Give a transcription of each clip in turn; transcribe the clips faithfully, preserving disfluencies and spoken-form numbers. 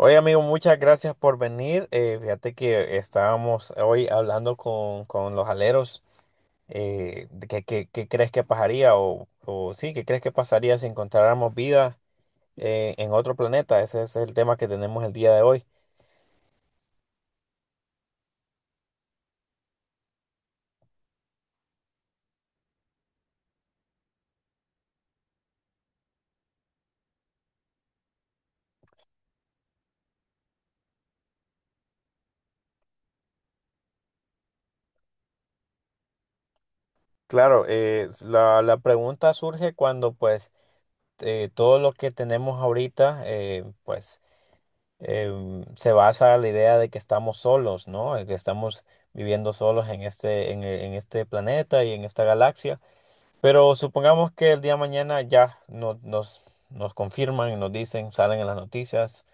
Oye, amigo, muchas gracias por venir. Eh, fíjate que estábamos hoy hablando con, con los aleros. Eh, de ¿qué, qué- qué crees que pasaría? O, o Sí, ¿qué crees que pasaría si encontráramos vida eh, en otro planeta? Ese es el tema que tenemos el día de hoy. Claro, eh, la, la pregunta surge cuando pues eh, todo lo que tenemos ahorita eh, pues em, se basa en la idea de que estamos solos, ¿no? De que estamos viviendo solos en este, en en este planeta y en esta galaxia. Pero supongamos que el día de mañana ya no- nos, nos confirman y nos dicen, salen en las noticias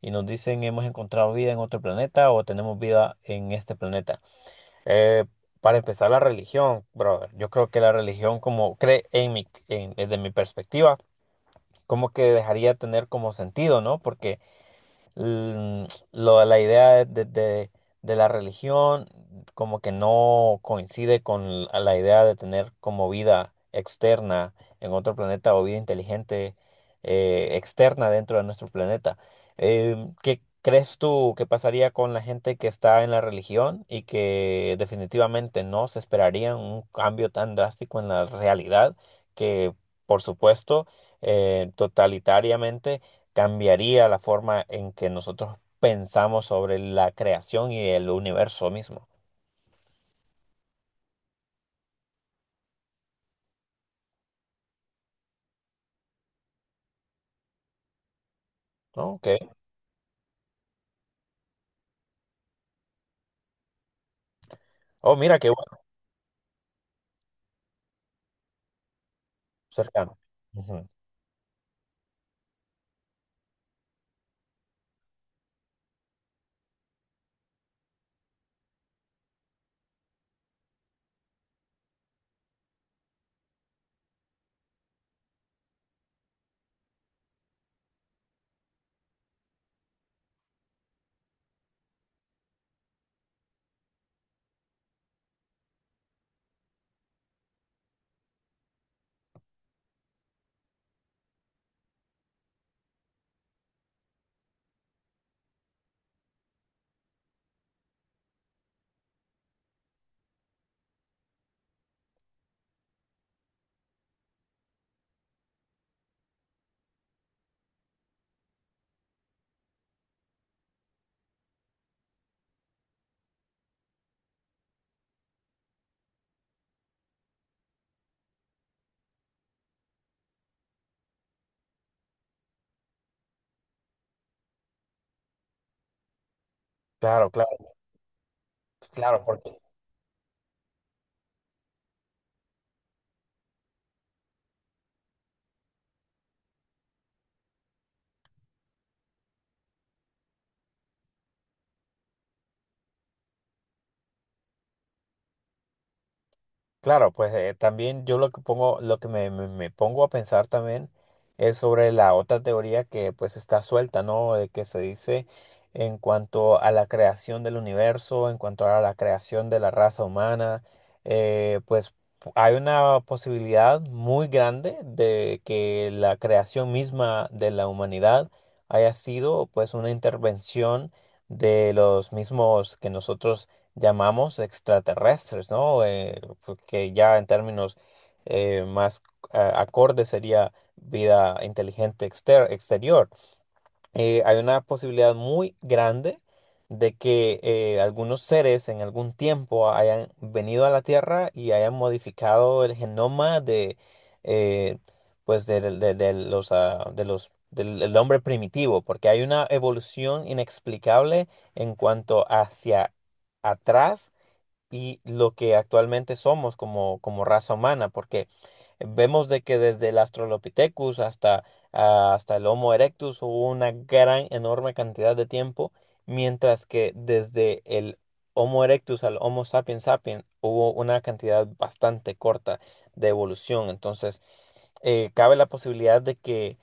y nos dicen hemos encontrado vida en otro planeta o tenemos vida en este planeta. Eh, para empezar, la religión, brother. Yo creo que la religión, como cree en mi, en- desde mi perspectiva, como que dejaría de tener como sentido, ¿no? Porque l- lo- la idea de, de- de la religión como que no coincide con la idea de tener como vida externa en otro planeta o vida inteligente eh, externa dentro de nuestro planeta. Eh, ¿qué crees tú que pasaría con la gente que está en la religión y que definitivamente no se esperaría un cambio tan drástico en la realidad que, por supuesto, eh, totalitariamente cambiaría la forma en que nosotros pensamos sobre la creación y el universo mismo? ¿No? Ok. Oh, mira qué bueno, cercano. Ujú. Claro, claro, claro, porque claro. Pues eh, también yo lo que pongo, lo que me, me- me pongo a pensar también es sobre la otra teoría que pues está suelta, ¿no? De que se dice en cuanto a la creación del universo, en cuanto a la creación de la raza humana, eh, pues hay una posibilidad muy grande de que la creación misma de la humanidad haya sido pues una intervención de los mismos que nosotros llamamos extraterrestres, ¿no? Eh, que ya en términos eh, más eh, acorde sería vida inteligente exter- exterior. Eh, hay una posibilidad muy grande de que eh, algunos seres en algún tiempo hayan venido a la Tierra y hayan modificado el genoma de, eh, pues de de, de los, ah, de los, del del hombre primitivo, porque hay una evolución inexplicable en cuanto hacia atrás y lo que actualmente somos como, como raza humana, porque vemos de que desde el Australopithecus hasta, ah, hasta el Homo erectus hubo una gran, enorme cantidad de tiempo, mientras que desde el Homo erectus al Homo sapiens sapiens hubo una cantidad bastante corta de evolución. Entonces, eh, cabe la posibilidad de que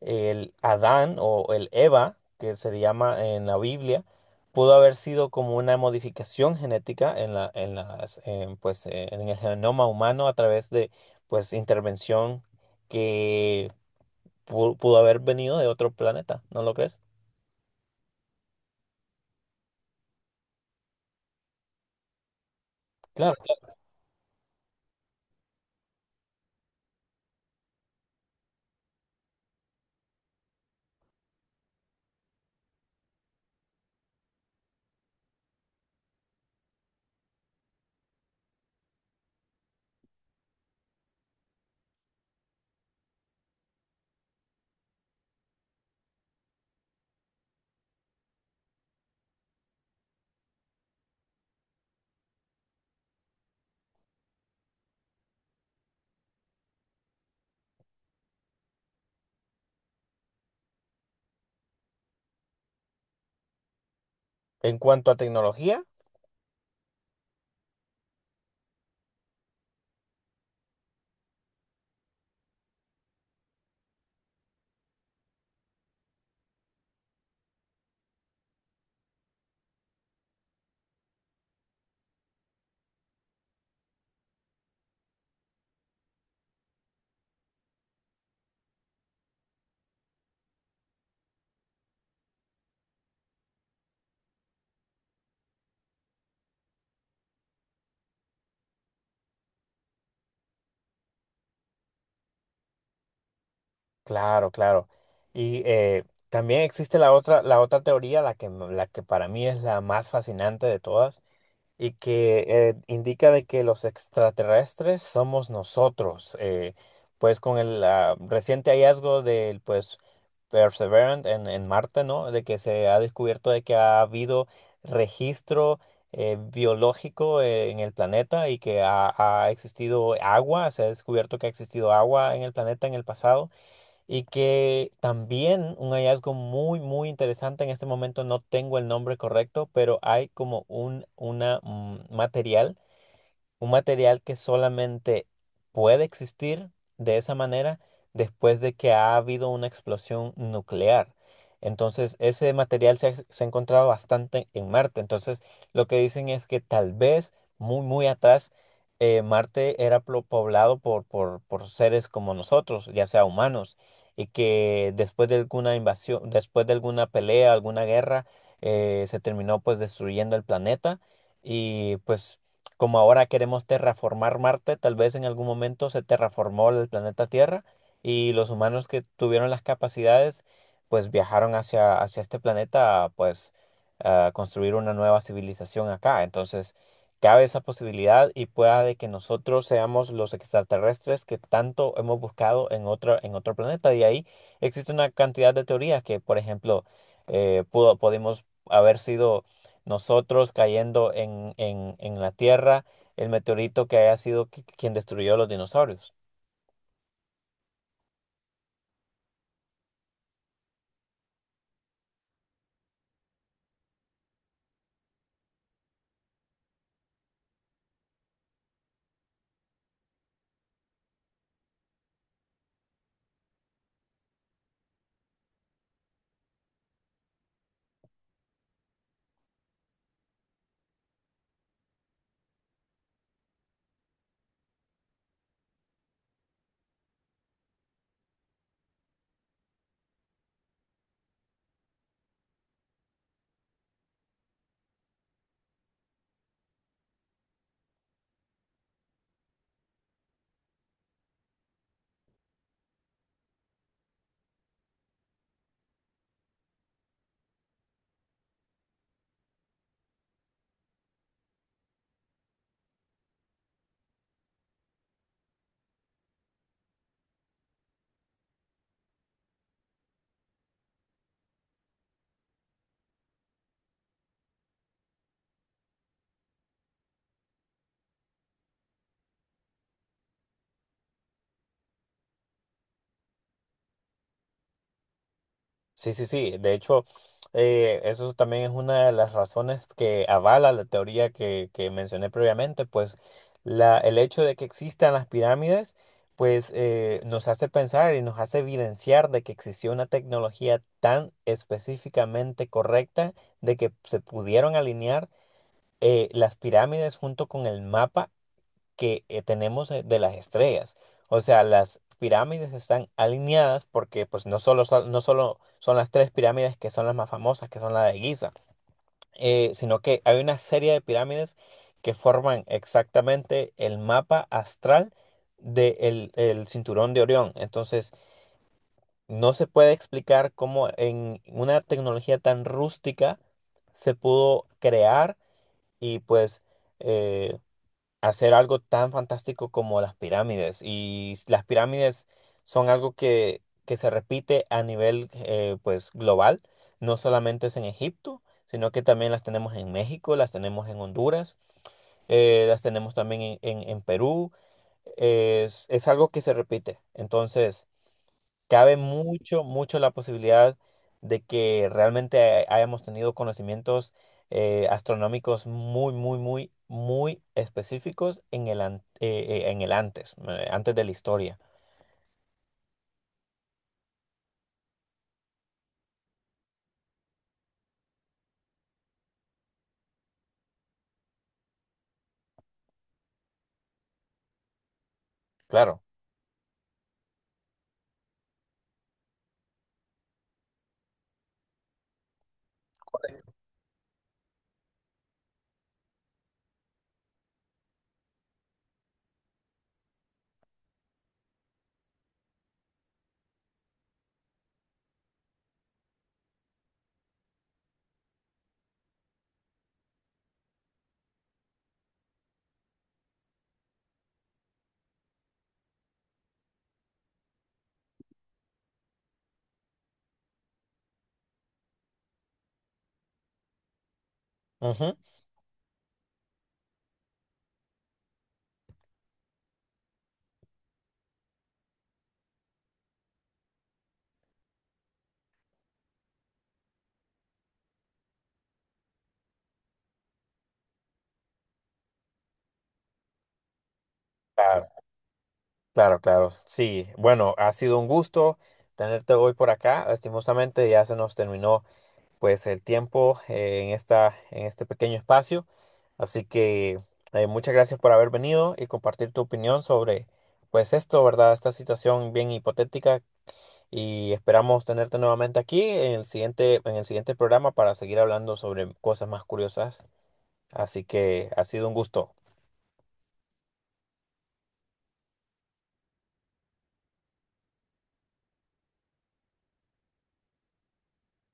el Adán o el Eva, que se le llama en la Biblia, pudo haber sido como una modificación genética en la, en las, en, pues, eh, en el genoma humano a través de pues intervención que pu- pudo haber venido de otro planeta, ¿no lo crees? Claro, claro. En cuanto a tecnología, claro, claro. Y eh, también existe la otra, la otra teoría, la que, la que para mí es la más fascinante de todas y que eh, indica de que los extraterrestres somos nosotros. eh, pues con el ah, reciente hallazgo del pues Perseverance en, en Marte, ¿no? De que se ha descubierto de que ha habido registro eh, biológico eh, en el planeta y que ha, ha existido agua, se ha descubierto que ha existido agua en el planeta en el pasado y que también un hallazgo muy, muy interesante, en este momento no tengo el nombre correcto, pero hay como un una, mm, material un material que solamente puede existir de esa manera después de que ha habido una explosión nuclear. Entonces, ese material se ha, se ha encontrado bastante en Marte. Entonces, lo que dicen es que tal vez muy, muy atrás, eh, Marte era plo- poblado por, por, por seres como nosotros, ya sea humanos, y que después de alguna invasión, después de alguna pelea, alguna guerra, eh, se terminó pues destruyendo el planeta y pues como ahora queremos terraformar Marte, tal vez en algún momento se terraformó el planeta Tierra y los humanos que tuvieron las capacidades, pues viajaron hacia, hacia este planeta, pues a construir una nueva civilización acá. Entonces, cabe esa posibilidad y pueda de que nosotros seamos los extraterrestres que tanto hemos buscado en otro, en otro planeta. Y ahí existe una cantidad de teorías que, por ejemplo, eh, pudo, podemos haber sido nosotros cayendo en, en, en la Tierra, el meteorito que haya sido qui- quien destruyó los dinosaurios. Sí, sí, sí. De hecho, eh, eso también es una de las razones que avala la teoría que, que mencioné previamente, pues la, el hecho de que existan las pirámides, pues eh, nos hace pensar y nos hace evidenciar de que existió una tecnología tan específicamente correcta de que se pudieron alinear eh, las pirámides junto con el mapa que eh, tenemos eh, de las estrellas. O sea, las pirámides están alineadas porque pues no solo son, no solo son las tres pirámides que son las más famosas, que son la de Giza, eh, sino que hay una serie de pirámides que forman exactamente el mapa astral del cinturón de Orión. Entonces, no se puede explicar cómo en una tecnología tan rústica se pudo crear y pues eh, hacer algo tan fantástico como las pirámides. Y las pirámides son algo que, que se repite a nivel eh, pues global. No solamente es en Egipto, sino que también las tenemos en México, las tenemos en Honduras, eh, las tenemos también en, en- en Perú. Es, es algo que se repite. Entonces, cabe mucho, mucho la posibilidad de que realmente hayamos tenido conocimientos eh, astronómicos muy, muy, muy, muy específicos en el, an- eh, eh, en el antes, eh, antes de la historia. Claro. Ujú. Claro, claro, claro. Sí, bueno, ha sido un gusto tenerte hoy por acá. Lastimosamente ya se nos terminó pues el tiempo eh, en esta, en este pequeño espacio. Así que eh, muchas gracias por haber venido y compartir tu opinión sobre pues esto, ¿verdad? Esta situación bien hipotética y esperamos tenerte nuevamente aquí en el siguiente, en el siguiente programa para seguir hablando sobre cosas más curiosas. Así que ha sido un gusto.